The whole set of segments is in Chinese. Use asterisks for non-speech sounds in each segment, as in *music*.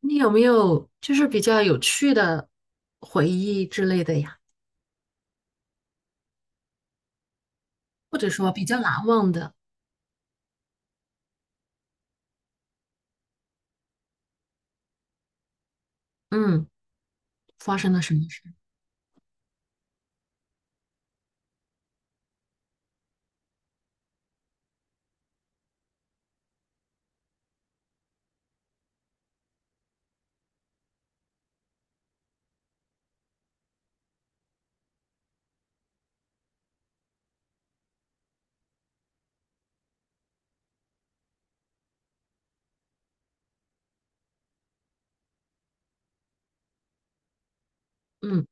你有没有就是比较有趣的回忆之类的呀？或者说比较难忘的，嗯，发生了什么事？嗯，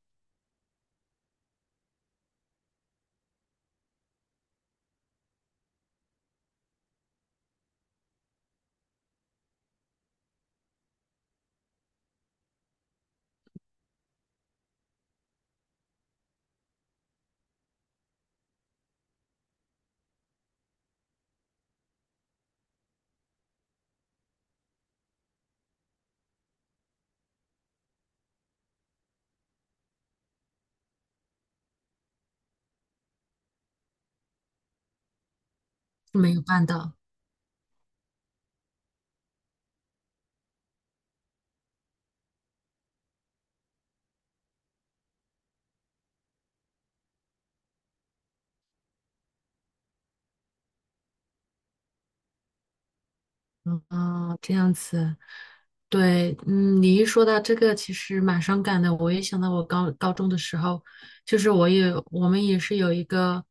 没有办到，嗯。啊，这样子。对，嗯，你一说到这个，其实蛮伤感的。我也想到我高中的时候，就是我们也是有一个，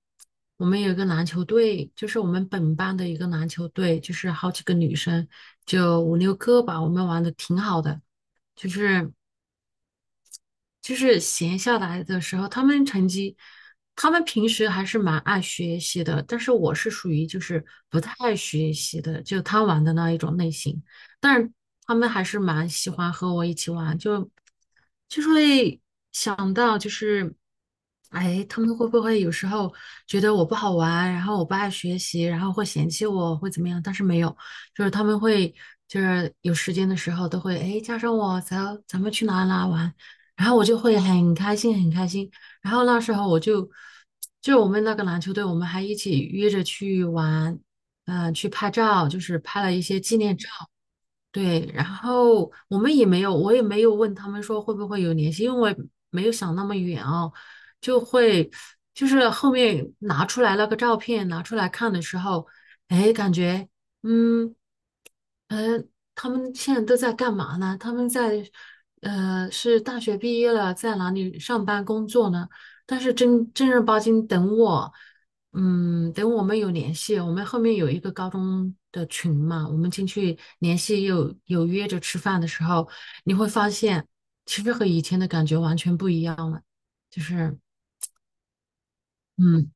我们有一个篮球队，就是我们本班的一个篮球队，就是好几个女生，就五六个吧，我们玩的挺好的，就是。就是闲下来的时候，他们平时还是蛮爱学习的，但是我是属于就是不太爱学习的，就贪玩的那一种类型。但是他们还是蛮喜欢和我一起玩，就是会想到就是，哎，他们会不会有时候觉得我不好玩，然后我不爱学习，然后会嫌弃我，会怎么样？但是没有，就是他们会就是有时间的时候都会，哎，叫上我，走，咱们去哪哪玩。然后我就会很开心，很开心。然后那时候就是我们那个篮球队，我们还一起约着去玩，去拍照，就是拍了一些纪念照。对，然后我们也没有，我也没有问他们说会不会有联系，因为我也没有想那么远哦，就会就是后面拿出来那个照片拿出来看的时候，哎，感觉嗯。嗯，他们现在都在干嘛呢？他们在，是大学毕业了，在哪里上班工作呢？但是正儿八经等我们有联系，我们后面有一个高中的群嘛，我们进去联系有约着吃饭的时候，你会发现，其实和以前的感觉完全不一样了，就是，嗯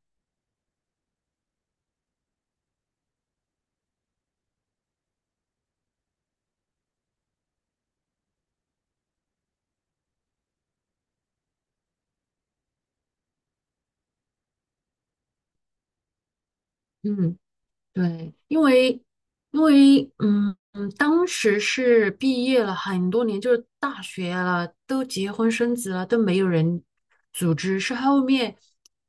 嗯。对，因为当时是毕业了很多年，就是大学了，都结婚生子了，都没有人组织。是后面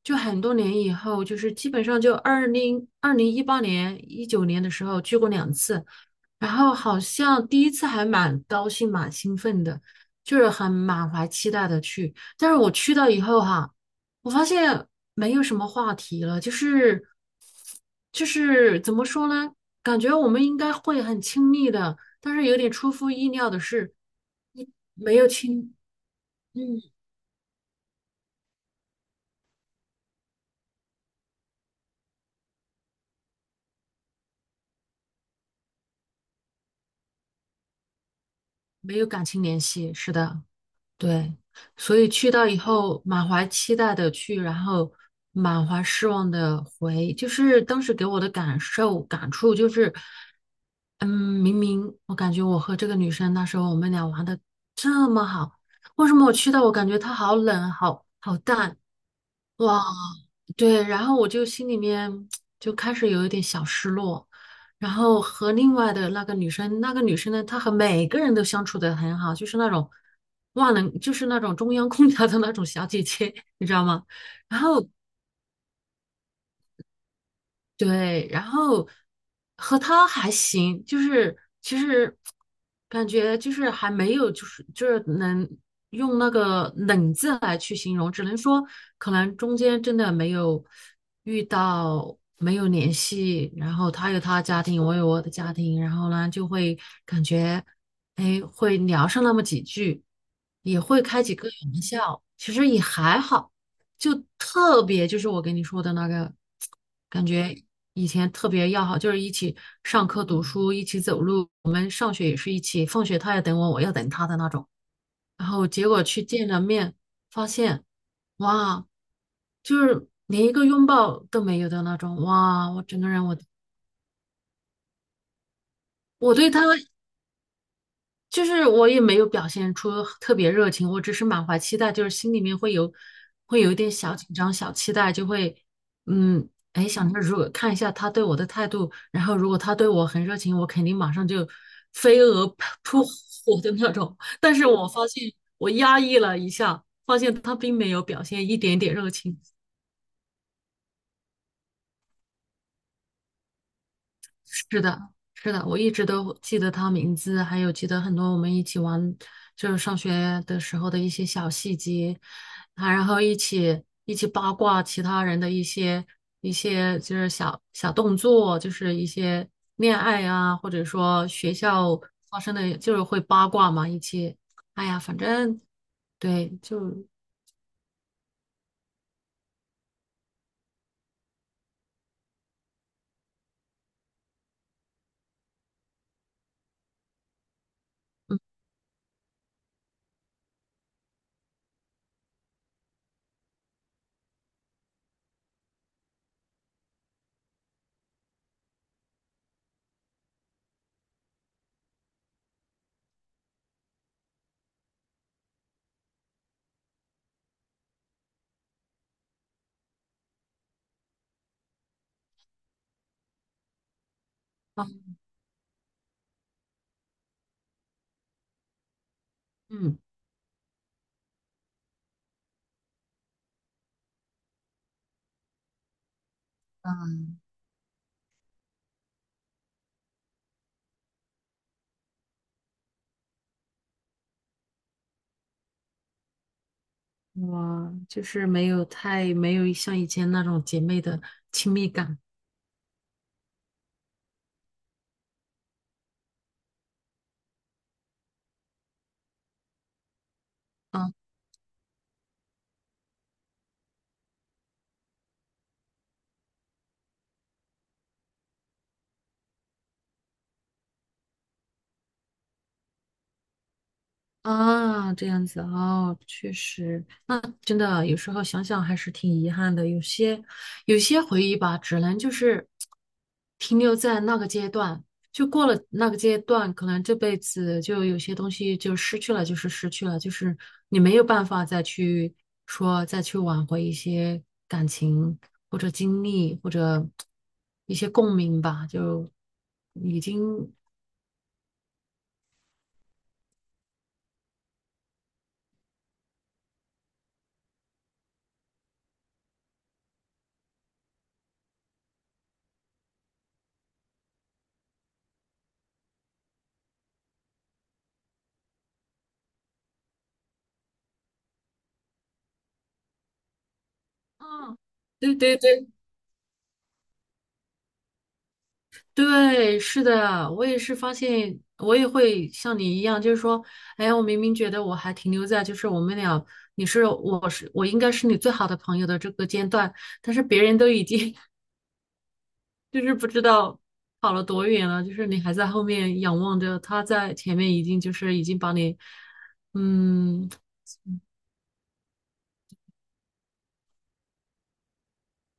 就很多年以后，就是基本上就2018年、19年的时候去过两次，然后好像第一次还蛮高兴、蛮兴奋的，就是很满怀期待的去。但是我去到以后哈。我发现没有什么话题了，就是怎么说呢？感觉我们应该会很亲密的，但是有点出乎意料的是，嗯没有亲，嗯，没有感情联系。是的。对，所以去到以后，满怀期待的去，然后满怀失望的回，就是当时给我的感受感触就是，嗯，明明我感觉我和这个女生那时候我们俩玩的这么好，为什么我去到我感觉她好冷，好淡，哇。对，然后我就心里面就开始有一点小失落，然后和另外的那个女生，那个女生呢，她和每个人都相处得很好，就是那种万能，就是那种中央空调的那种小姐姐，你知道吗？然后对，然后和他还行，就是其实感觉就是还没有，就是能用那个冷字来去形容，只能说可能中间真的没有遇到，没有联系，然后他有他的家庭，我有我的家庭，然后呢就会感觉，哎，会聊上那么几句，也会开几个玩笑，其实也还好。就特别就是我跟你说的那个。感觉以前特别要好，就是一起上课读书，一起走路。我们上学也是一起，放学他要等我，我要等他的那种。然后结果去见了面，发现，哇，就是连一个拥抱都没有的那种。哇，我整个人我对他就是我也没有表现出特别热情，我只是满怀期待，就是心里面会有一点小紧张、小期待，就会嗯，哎，想着如果看一下他对我的态度，然后如果他对我很热情，我肯定马上就飞蛾扑火的那种。但是我发现我压抑了一下，发现他并没有表现一点点热情。是的，是的，我一直都记得他名字，还有记得很多我们一起玩，就是上学的时候的一些小细节，啊，然后一起八卦其他人的一些就是小动作，就是一些恋爱啊，或者说学校发生的，就是会八卦嘛，一起，哎呀，反正对，就啊，嗯，我就是没有像以前那种姐妹的亲密感。嗯。啊，这样子哦，确实，真的有时候想想还是挺遗憾的。有些回忆吧，只能就是停留在那个阶段，就过了那个阶段，可能这辈子就有些东西就失去了，就是失去了，就是你没有办法再去说再去挽回一些感情或者经历或者一些共鸣吧，就已经。嗯。对对对，对，是的，我也是发现，我也会像你一样，就是说，哎，我明明觉得我还停留在就是我们俩，你是我是我应该是你最好的朋友的这个阶段，但是别人都已经 *laughs* 就是不知道跑了多远了，就是你还在后面仰望着，他在前面已经把你，嗯。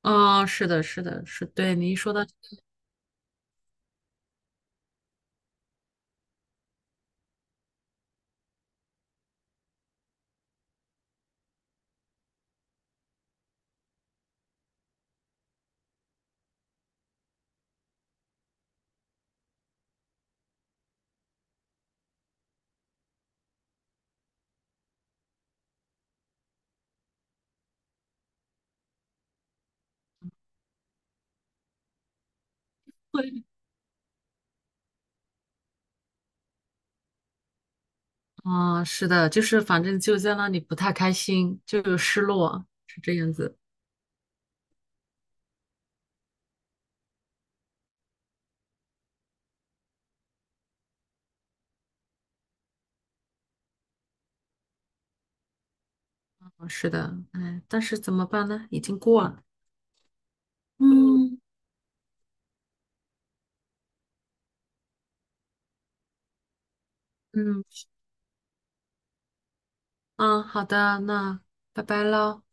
啊、是的，是的，是对你一说到，对。啊、是的，就是反正就在那里不太开心，就有失落，是这样子。是的，嗯，但是怎么办呢？已经过了。嗯。嗯嗯嗯，好的，那拜拜喽。